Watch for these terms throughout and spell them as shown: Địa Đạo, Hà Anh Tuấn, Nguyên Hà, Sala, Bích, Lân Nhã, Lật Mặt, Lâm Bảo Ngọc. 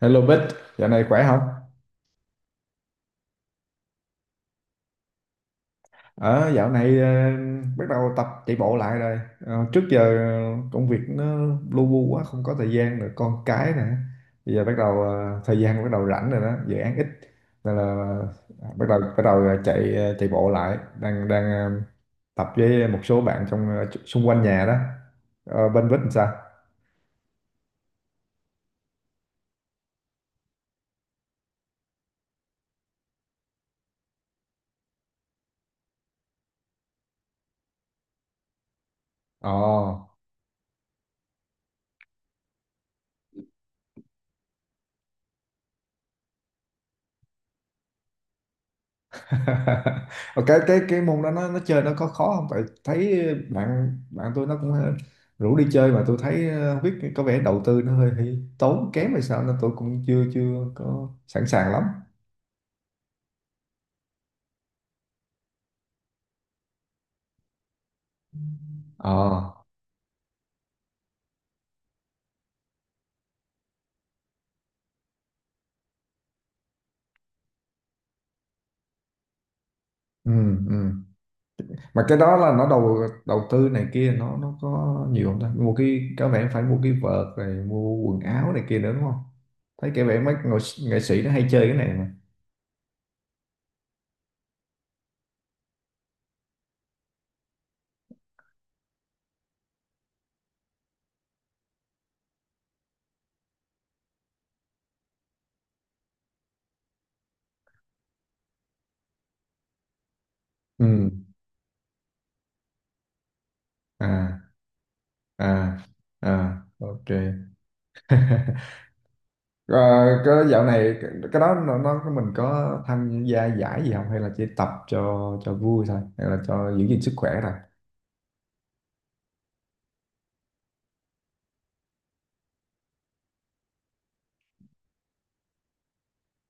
Hello Bích, dạo này khỏe không? Ờ, Dạo này bắt đầu tập chạy bộ lại rồi. Trước giờ công việc nó lu bu quá, không có thời gian rồi, con cái nè. Bây giờ bắt đầu thời gian bắt đầu rảnh rồi đó, dự án ít nên là bắt đầu chạy chạy bộ lại, đang đang tập với một số bạn trong xung quanh nhà đó. Bên Bích làm sao? Ồ. Ờ, cái môn đó nó chơi nó có khó không, tại thấy bạn bạn tôi nó cũng rủ đi chơi, mà tôi thấy không biết, có vẻ đầu tư nó hơi tốn kém hay sao, nên tôi cũng chưa chưa có sẵn sàng lắm. ờ ừ, ừ. Mà cái đó là nó đầu đầu tư này kia, nó có nhiều không, ta mua, cái có vẻ phải mua cái vợt rồi mua quần áo này kia nữa đúng không? Thấy cái vẻ mấy nghệ sĩ nó hay chơi cái này mà. ừ à à À, ok. Ờ, cái dạo này cái đó nó mình có tham gia giải gì không, hay là chỉ tập cho vui thôi, hay là cho giữ gìn sức khỏe thôi?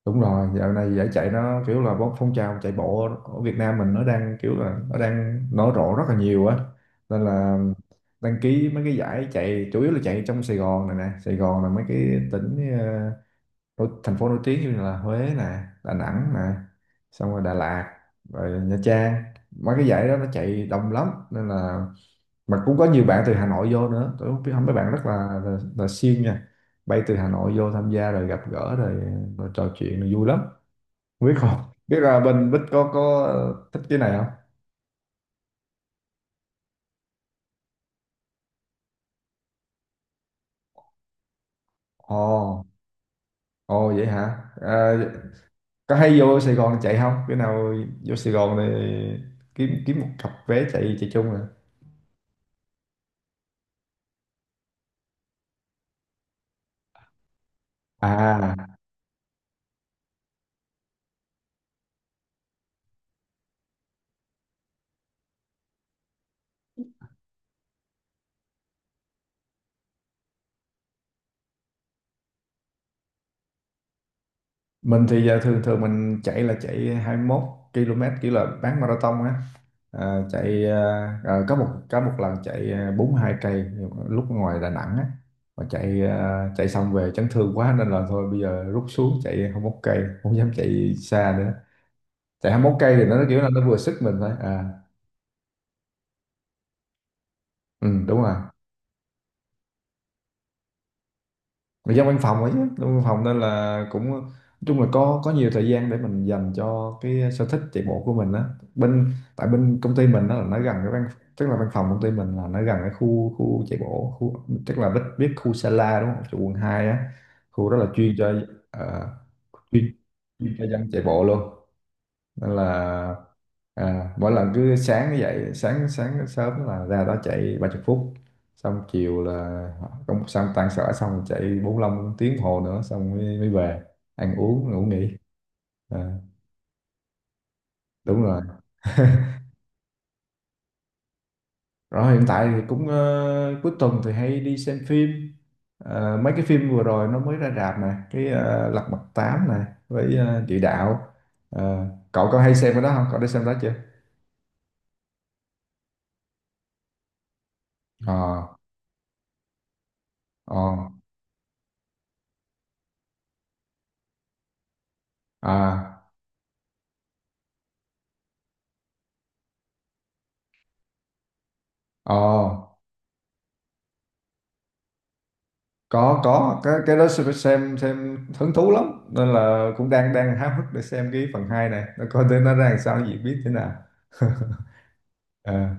Đúng rồi, dạo này giải chạy nó kiểu là phong trào chạy bộ ở Việt Nam mình nó đang kiểu là nó đang nở rộ rất là nhiều á, nên là đăng ký mấy cái giải chạy, chủ yếu là chạy trong Sài Gòn này nè. Sài Gòn là mấy cái tỉnh thành phố nổi tiếng như là Huế nè, Đà Nẵng nè, xong rồi Đà Lạt, rồi Nha Trang. Mấy cái giải đó nó chạy đông lắm, nên là mà cũng có nhiều bạn từ Hà Nội vô nữa. Tôi không biết mấy bạn rất là siêng nha, bay từ Hà Nội vô tham gia rồi gặp gỡ rồi, rồi trò chuyện rồi vui lắm biết không. Biết là bên Bích có thích cái này không? Ồ. Ồ, vậy hả? Có hay vô Sài Gòn chạy không? Cái nào vô Sài Gòn thì kiếm kiếm một cặp vé chạy chạy chung rồi. à mình thì giờ thường thường mình chạy là chạy 21 km, kiểu là bán marathon á. à, chạy à, có một lần chạy 42 cây lúc ngoài Đà Nẵng á, mà chạy chạy xong về chấn thương quá nên là thôi, bây giờ rút xuống chạy 21 cây, không dám chạy xa nữa. Chạy 21 cây thì nó kiểu là nó vừa sức mình thôi à. Ừ, đúng rồi. Mà dân văn phòng ấy chứ, dân văn phòng nên là cũng nói chung là có nhiều thời gian để mình dành cho cái sở thích chạy bộ của mình á. Bên tại bên công ty mình đó là nó gần cái văn, tức là văn phòng công ty mình là nó gần cái khu khu chạy bộ khu, tức là biết biết khu Sala đúng không, chỗ quận 2 á. Khu đó là chuyên cho ờ, chuyên, chuyên cho dân chạy bộ luôn, nên là mỗi lần cứ sáng dậy sáng sáng sớm là ra đó chạy 30 phút, xong chiều là công xong tan sở xong chạy 45 tiếng đồng hồ nữa xong mới về ăn uống ngủ nghỉ. à, Đúng rồi. Rồi hiện tại thì cũng cuối tuần thì hay đi xem phim. Mấy cái phim vừa rồi nó mới ra rạp nè, cái Lật Mặt 8 nè, với Địa Đạo. Ờ, Cậu có hay xem cái đó không, cậu đã xem đó chưa? ờ ờ à ờ có, cái đó xem, xem hứng thú lắm, nên là cũng đang đang háo hức để xem cái phần 2 này, nó coi tới nó ra làm sao, nó diễn biến thế nào. à,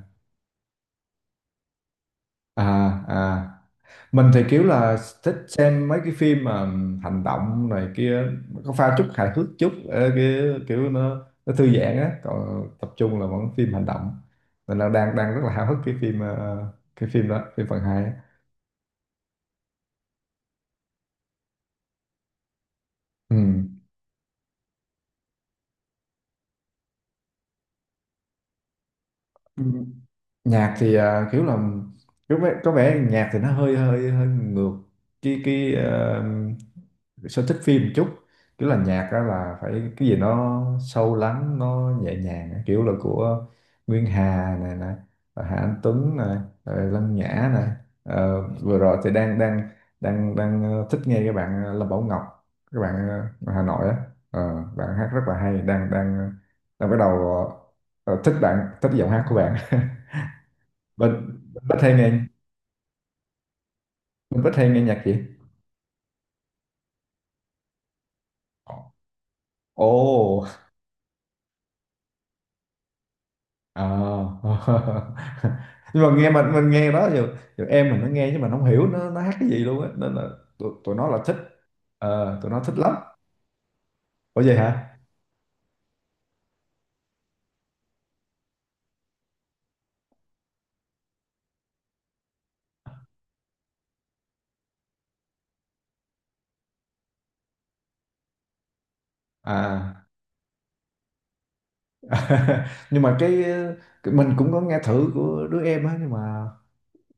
à À, mình thì kiểu là thích xem mấy cái phim mà hành động này kia, có pha chút hài hước chút, cái kiểu nó thư giãn á, còn tập trung là vẫn phim hành động. Nên là đang đang rất là háo hức cái phim cái phim đó, phim phần hai á. Ừ. Nhạc thì kiểu là có vẻ nhạc thì nó hơi hơi hơi ngược cái sở thích phim một chút. Kiểu là nhạc đó là phải cái gì nó sâu lắng, nó nhẹ nhàng á. Kiểu là của Nguyên Hà này nè, rồi Hà Anh Tuấn này, rồi Lân Nhã này. Vừa rồi thì đang đang đang đang thích nghe các bạn Lâm Bảo Ngọc, các bạn ở Hà Nội á. Bạn hát rất là hay, đang đang đang bắt đầu thích bạn, thích giọng hát của bạn. Mình, mình rất hay nghe, mình rất hay nghe nhạc gì. Ồ. À. Nhưng mà nghe, mình nghe đó giờ, giờ em mình nó nghe chứ mình không hiểu nó hát cái gì luôn á, nên là tụi nó là thích. Tụi nó thích lắm. Ủa vậy hả? À. Nhưng mà cái mình cũng có nghe thử của đứa em á, nhưng mà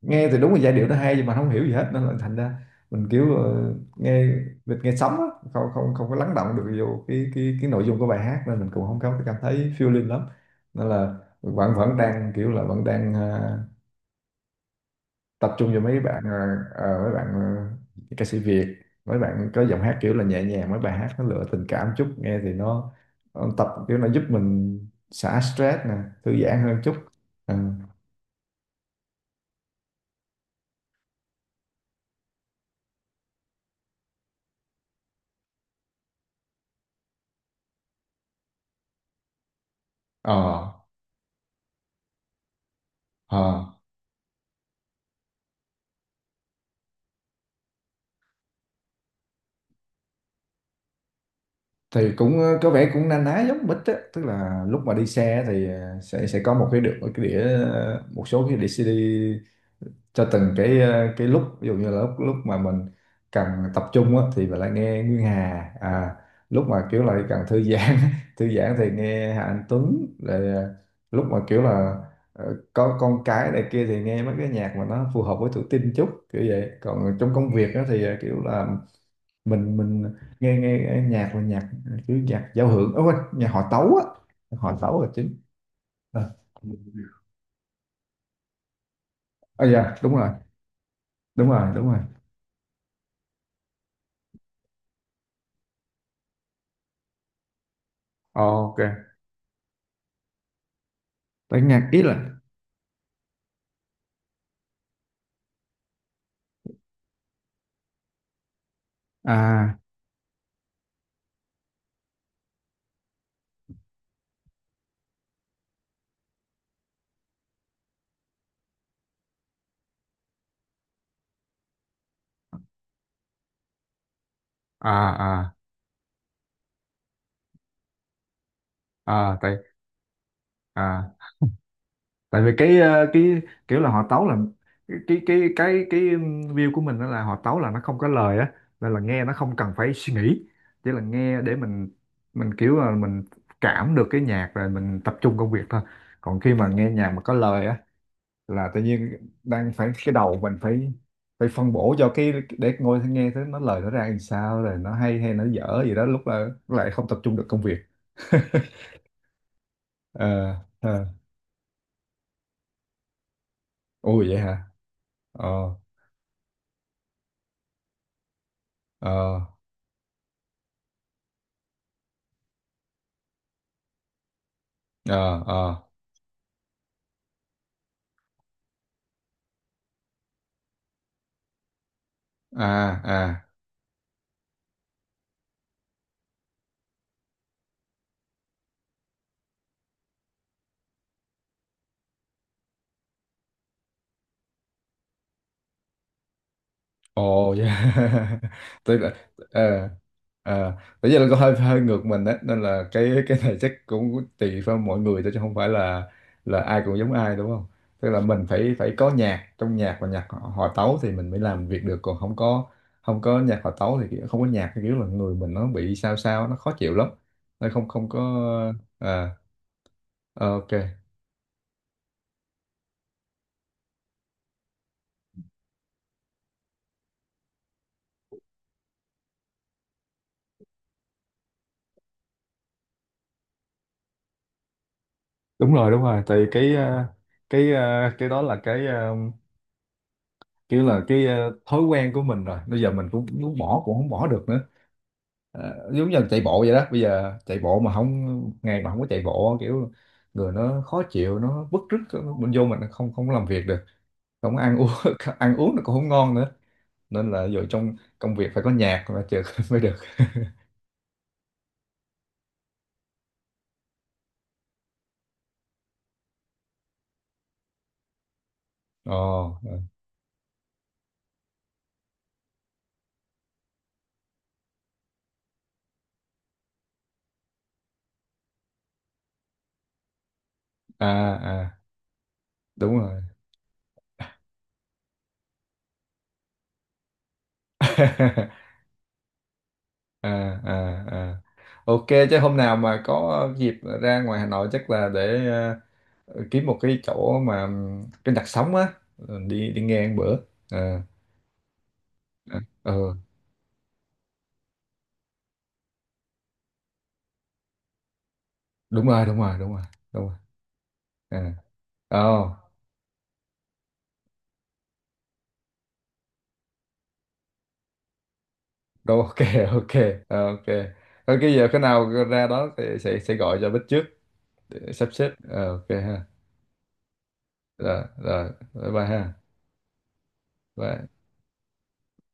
nghe thì đúng là giai điệu nó hay nhưng mà không hiểu gì hết, nên là thành ra mình kiểu nghe, mình nghe sóng á, không không không có lắng động được vô cái cái nội dung của bài hát, nên mình cũng không có cảm thấy feeling lắm. Nên là vẫn vẫn đang kiểu là vẫn đang tập trung vào mấy bạn mấy bạn ca sĩ Việt, mấy bạn có giọng hát kiểu là nhẹ nhàng, mấy bài hát nó lựa tình cảm chút, nghe thì nó tập kiểu nó giúp mình xả stress nè, thư giãn hơn chút. Ừ. ờ ờ thì cũng có vẻ cũng na ná giống mít á, tức là lúc mà đi xe thì sẽ có một cái đĩa, cái đĩa một số cái đĩa CD, cho từng cái cái lúc. Ví dụ như là lúc lúc mà mình cần tập trung á thì mình lại nghe Nguyên Hà. Lúc mà kiểu lại cần thư giãn thư giãn thì nghe Hà Anh Tuấn, rồi lúc mà kiểu là có con cái này kia thì nghe mấy cái nhạc mà nó phù hợp với tuổi teen chút, kiểu vậy. Còn trong công việc á thì kiểu là mình nghe nghe, nghe nhạc là nhạc chứ, nhạc giao hưởng, ở quên, nhạc họ tấu á, họ tấu là chính. Ờ. À dạ đúng rồi. Đúng rồi, đúng rồi. Ờ, ok. Tại nhạc ý là à à à tại à tại vì cái cái kiểu là họ tấu là cái view của mình đó là họ tấu là nó không có lời á, nên là nghe nó không cần phải suy nghĩ, chỉ là nghe để mình kiểu là mình cảm được cái nhạc rồi mình tập trung công việc thôi. Còn khi mà nghe nhạc mà có lời á là tự nhiên đang phải, cái đầu mình phải phải phân bổ cho cái để ngồi nghe thấy nó lời nó ra làm sao, rồi nó hay hay nó dở gì đó, lúc lại không tập trung được công việc. ờ ờ Ui vậy hả? ờ ờ ờ ờ à à Ồ yeah. Tức là ờ, ờ, bây giờ là có hơi hơi ngược mình á, nên là cái này chắc cũng tùy vào mọi người thôi chứ không phải là ai cũng giống ai đúng không? Tức là mình phải phải có nhạc, trong nhạc và nhạc hòa tấu thì mình mới làm việc được, còn không có không có nhạc hòa tấu thì không có nhạc thì kiểu là người mình nó bị sao sao nó khó chịu lắm. Nó không không có ờ, ờ, ok. Đúng rồi, đúng rồi. Tại cái cái cái đó là cái kiểu là cái thói quen của mình rồi, bây giờ mình cũng muốn bỏ cũng không bỏ được nữa. Giống như là chạy bộ vậy đó, bây giờ chạy bộ mà không, ngày mà không có chạy bộ kiểu người nó khó chịu, nó bứt rứt, mình vô mình không không làm việc được, không ăn uống ăn uống nó cũng không ngon nữa, nên là giờ trong công việc phải có nhạc mà chừng mới được. ồ à à Đúng rồi. à à à ok, chứ hôm nào mà có dịp ra ngoài Hà Nội chắc là để kiếm một cái chỗ mà trên đặt sóng á, đi đi nghe ăn bữa à, à, ờ, đúng rồi, đúng rồi. à, oh, đâu ok. ok ok. Thôi cái giờ cái nào ra đó thì sẽ gọi cho Bích trước để sắp xếp. Ờ, ok ha. Rồi rồi, bye bye ha. Bye.